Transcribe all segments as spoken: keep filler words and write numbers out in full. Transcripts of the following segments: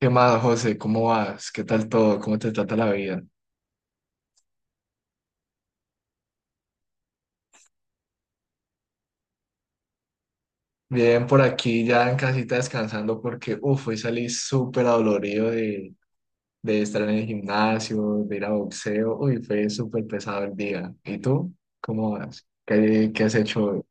¿Qué más, José? ¿Cómo vas? ¿Qué tal todo? ¿Cómo te trata la vida? Bien, por aquí ya en casita descansando porque, uff, hoy salí súper adolorido de, de estar en el gimnasio, de ir a boxeo. Uy, fue súper pesado el día. ¿Y tú? ¿Cómo vas? ¿Qué, qué has hecho hoy?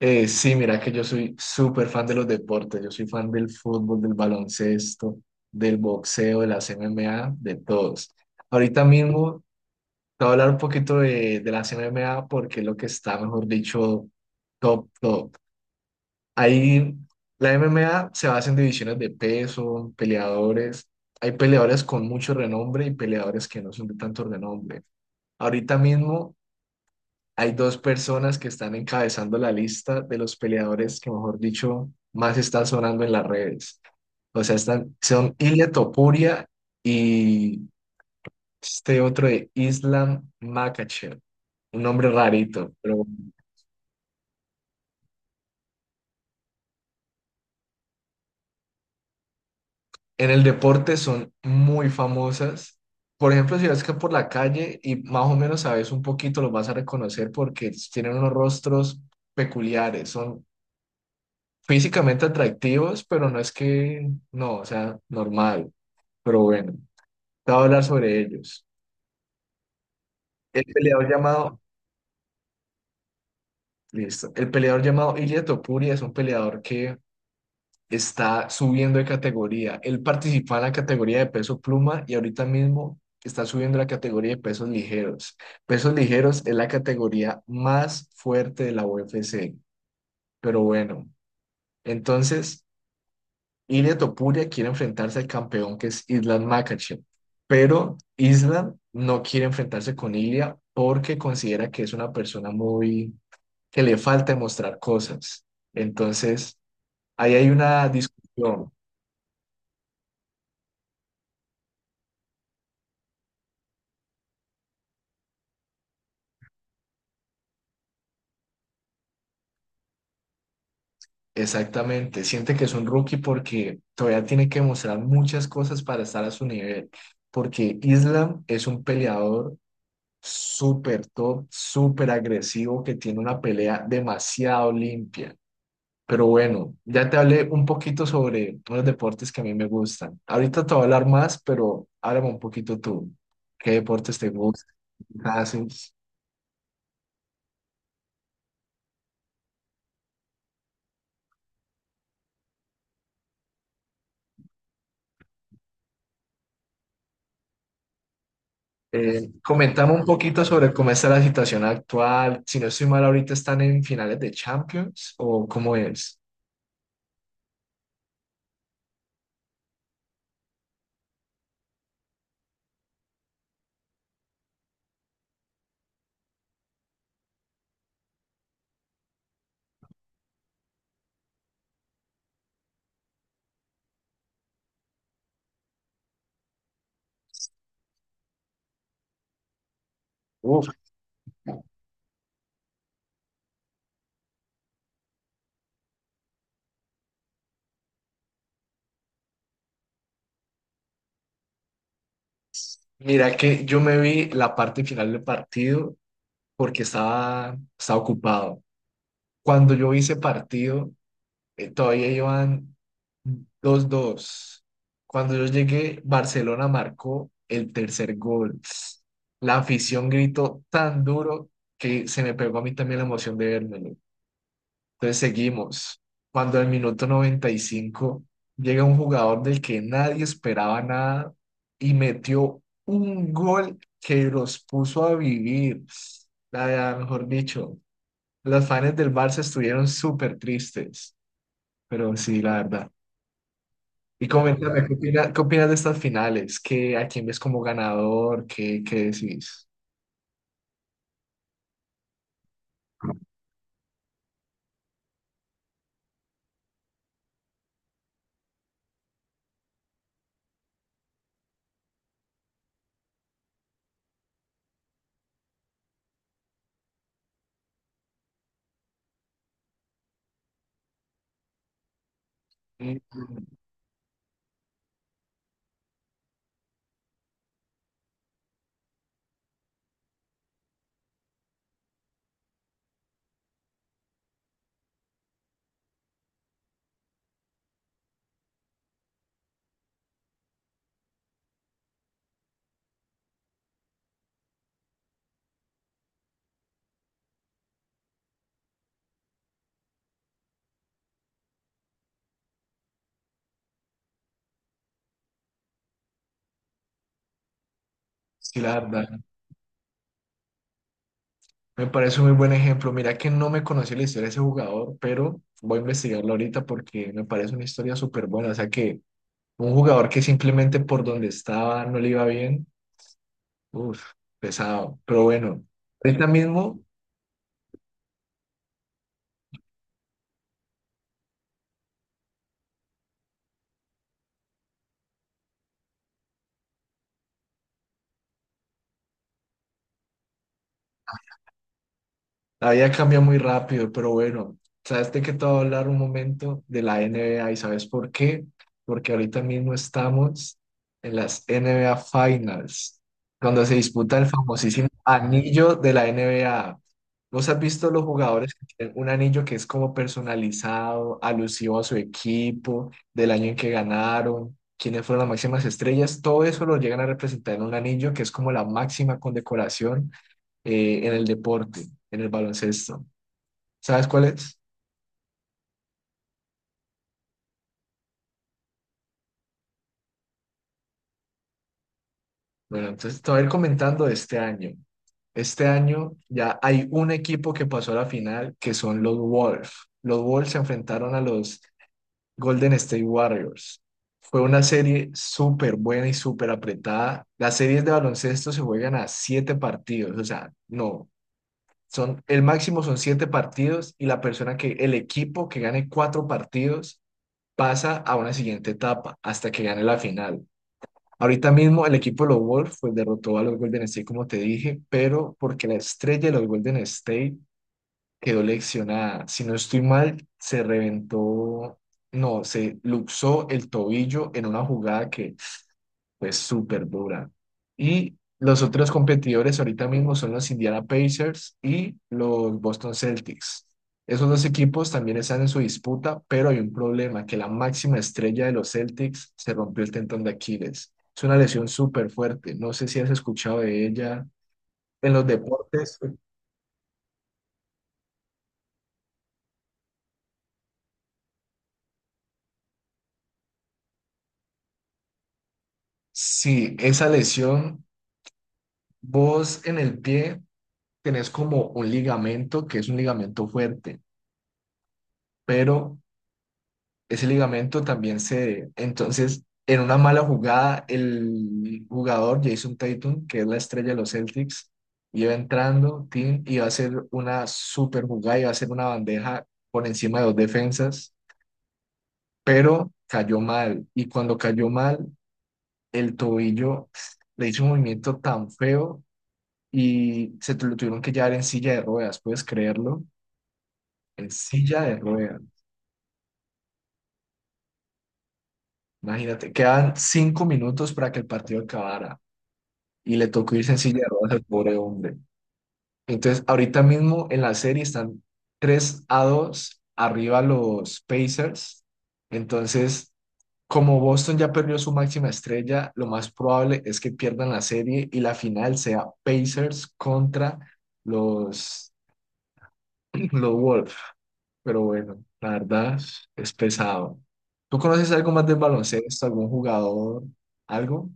Eh, sí, mira que yo soy súper fan de los deportes. Yo soy fan del fútbol, del baloncesto, del boxeo, de las M M A, de todos. Ahorita mismo te voy a hablar un poquito de, de las M M A, porque es lo que está, mejor dicho, top, top. Ahí la M M A se basa en divisiones de peso, peleadores. Hay peleadores con mucho renombre y peleadores que no son de tanto renombre. Ahorita mismo hay dos personas que están encabezando la lista de los peleadores que, mejor dicho, más están sonando en las redes. O sea, están, son Ilia Topuria y este otro de Islam Makhachev, un nombre rarito, pero en el deporte son muy famosas. Por ejemplo, si vas que por la calle y más o menos sabes un poquito, los vas a reconocer porque tienen unos rostros peculiares, son físicamente atractivos, pero no es que, no, o sea, normal. Pero bueno, te voy a hablar sobre ellos. El peleador llamado, listo, el peleador llamado Ilia Topuria es un peleador que está subiendo de categoría. Él participa en la categoría de peso pluma y ahorita mismo está subiendo la categoría de pesos ligeros. Pesos ligeros es la categoría más fuerte de la U F C. Pero bueno, entonces Ilia Topuria quiere enfrentarse al campeón, que es Islam Makhachev, pero Islam no quiere enfrentarse con Ilia porque considera que es una persona muy que le falta demostrar cosas. Entonces, ahí hay una discusión. Exactamente, siente que es un rookie porque todavía tiene que demostrar muchas cosas para estar a su nivel, porque Islam es un peleador súper top, súper agresivo, que tiene una pelea demasiado limpia. Pero bueno, ya te hablé un poquito sobre los deportes que a mí me gustan. Ahorita te voy a hablar más, pero háblame un poquito tú. ¿Qué deportes te gustan? ¿Qué haces? Eh, coméntame un poquito sobre cómo está la situación actual. Si no estoy mal, ahorita están en finales de Champions, o cómo es. Uf. Mira que yo me vi la parte final del partido porque estaba, estaba ocupado. Cuando yo vi ese partido, eh, todavía iban dos dos. Cuando yo llegué, Barcelona marcó el tercer gol. La afición gritó tan duro que se me pegó a mí también la emoción de verlo. Entonces seguimos. Cuando al minuto noventa y cinco, llega un jugador del que nadie esperaba nada y metió un gol que los puso a vivir. La verdad, mejor dicho, los fans del Barça estuvieron súper tristes, pero sí, la verdad. Y coméntame, ¿qué opina- qué opinas de estas finales? ¿Qué, a quién ves como ganador? ¿Qué, qué decís? Mm. Sí, la verdad. Me parece un muy buen ejemplo. Mira que no me conocí la historia de ese jugador, pero voy a investigarlo ahorita porque me parece una historia súper buena. O sea que un jugador que simplemente por donde estaba no le iba bien, uff, pesado. Pero bueno, ahorita mismo. La vida cambia muy rápido, pero bueno, sabes de qué te voy a hablar un momento, de la N B A. ¿Y sabes por qué? Porque ahorita mismo estamos en las N B A Finals, cuando se disputa el famosísimo anillo de la N B A. ¿Vos has visto los jugadores que tienen un anillo que es como personalizado, alusivo a su equipo, del año en que ganaron, quiénes fueron las máximas estrellas? Todo eso lo llegan a representar en un anillo, que es como la máxima condecoración eh, en el deporte, en el baloncesto. ¿Sabes cuál es? Bueno, entonces te voy a ir comentando de este año. Este año ya hay un equipo que pasó a la final, que son los Wolves. Los Wolves se enfrentaron a los Golden State Warriors. Fue una serie súper buena y súper apretada. Las series de baloncesto se juegan a siete partidos, o sea, no, son, el máximo son siete partidos, y la persona que, el equipo que gane cuatro partidos pasa a una siguiente etapa hasta que gane la final. Ahorita mismo el equipo de los Wolves pues derrotó a los Golden State, como te dije, pero porque la estrella de los Golden State quedó lesionada. Si no estoy mal, se reventó, no, se luxó el tobillo en una jugada que fue súper dura. Y los otros competidores ahorita mismo son los Indiana Pacers y los Boston Celtics. Esos dos equipos también están en su disputa, pero hay un problema, que la máxima estrella de los Celtics se rompió el tendón de Aquiles. Es una lesión súper fuerte. No sé si has escuchado de ella en los deportes. Sí, esa lesión, vos en el pie tenés como un ligamento, que es un ligamento fuerte, pero ese ligamento también se... Entonces, en una mala jugada, el jugador Jason Tatum, que es la estrella de los Celtics, iba entrando, Tim, y va a hacer una super jugada, iba a hacer una bandeja por encima de dos defensas, pero cayó mal. Y cuando cayó mal, el tobillo le hizo un movimiento tan feo y se tu- lo tuvieron que llevar en silla de ruedas, ¿puedes creerlo? En silla de ruedas. Imagínate, quedan cinco minutos para que el partido acabara, y le tocó irse en silla de ruedas al pobre hombre. Entonces, ahorita mismo en la serie están tres a dos arriba los Pacers. Entonces, como Boston ya perdió su máxima estrella, lo más probable es que pierdan la serie y la final sea Pacers contra los, los Wolves. Pero bueno, la verdad es pesado. ¿Tú conoces algo más del baloncesto, algún jugador, algo?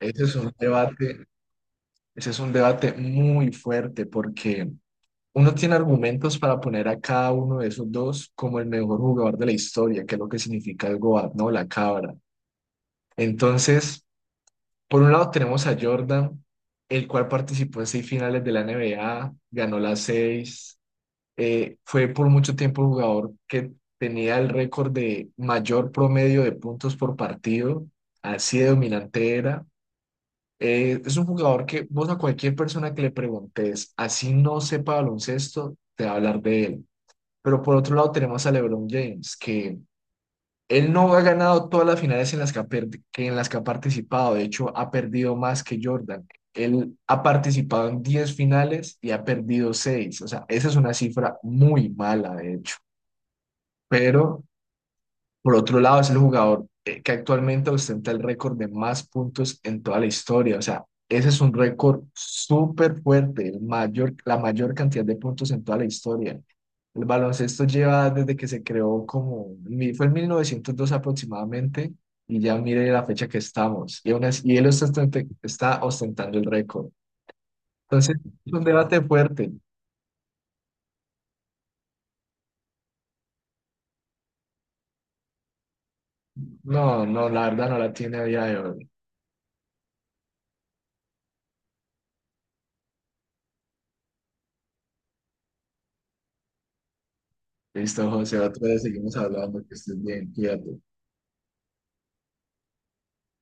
Ese es un debate, Ese es un debate muy fuerte, porque uno tiene argumentos para poner a cada uno de esos dos como el mejor jugador de la historia, que es lo que significa el GOAT, ¿no? La cabra. Entonces, por un lado tenemos a Jordan, el cual participó en seis finales de la N B A, ganó las seis, eh, fue por mucho tiempo el jugador que tenía el récord de mayor promedio de puntos por partido, así de dominante era. Eh, es un jugador que vos a cualquier persona que le preguntes, así no sepa baloncesto, te va a hablar de él. Pero por otro lado tenemos a LeBron James, que él no ha ganado todas las finales en las que ha, perdi- que en las que ha participado. De hecho, ha perdido más que Jordan. Él ha participado en diez finales y ha perdido seis. O sea, esa es una cifra muy mala, de hecho. Pero por otro lado, es el jugador eh, que actualmente ostenta el récord de más puntos en toda la historia. O sea, ese es un récord súper fuerte, el mayor, la mayor cantidad de puntos en toda la historia. El baloncesto lleva desde que se creó como, mi- fue en mil novecientos dos aproximadamente, y ya mire la fecha que estamos. Y, aún así- y él está, ostente- está ostentando el récord. Entonces, es un debate fuerte. No, no, la verdad no la tiene a día de hoy. Listo, José, otra vez seguimos hablando, que estés bien, cuídate.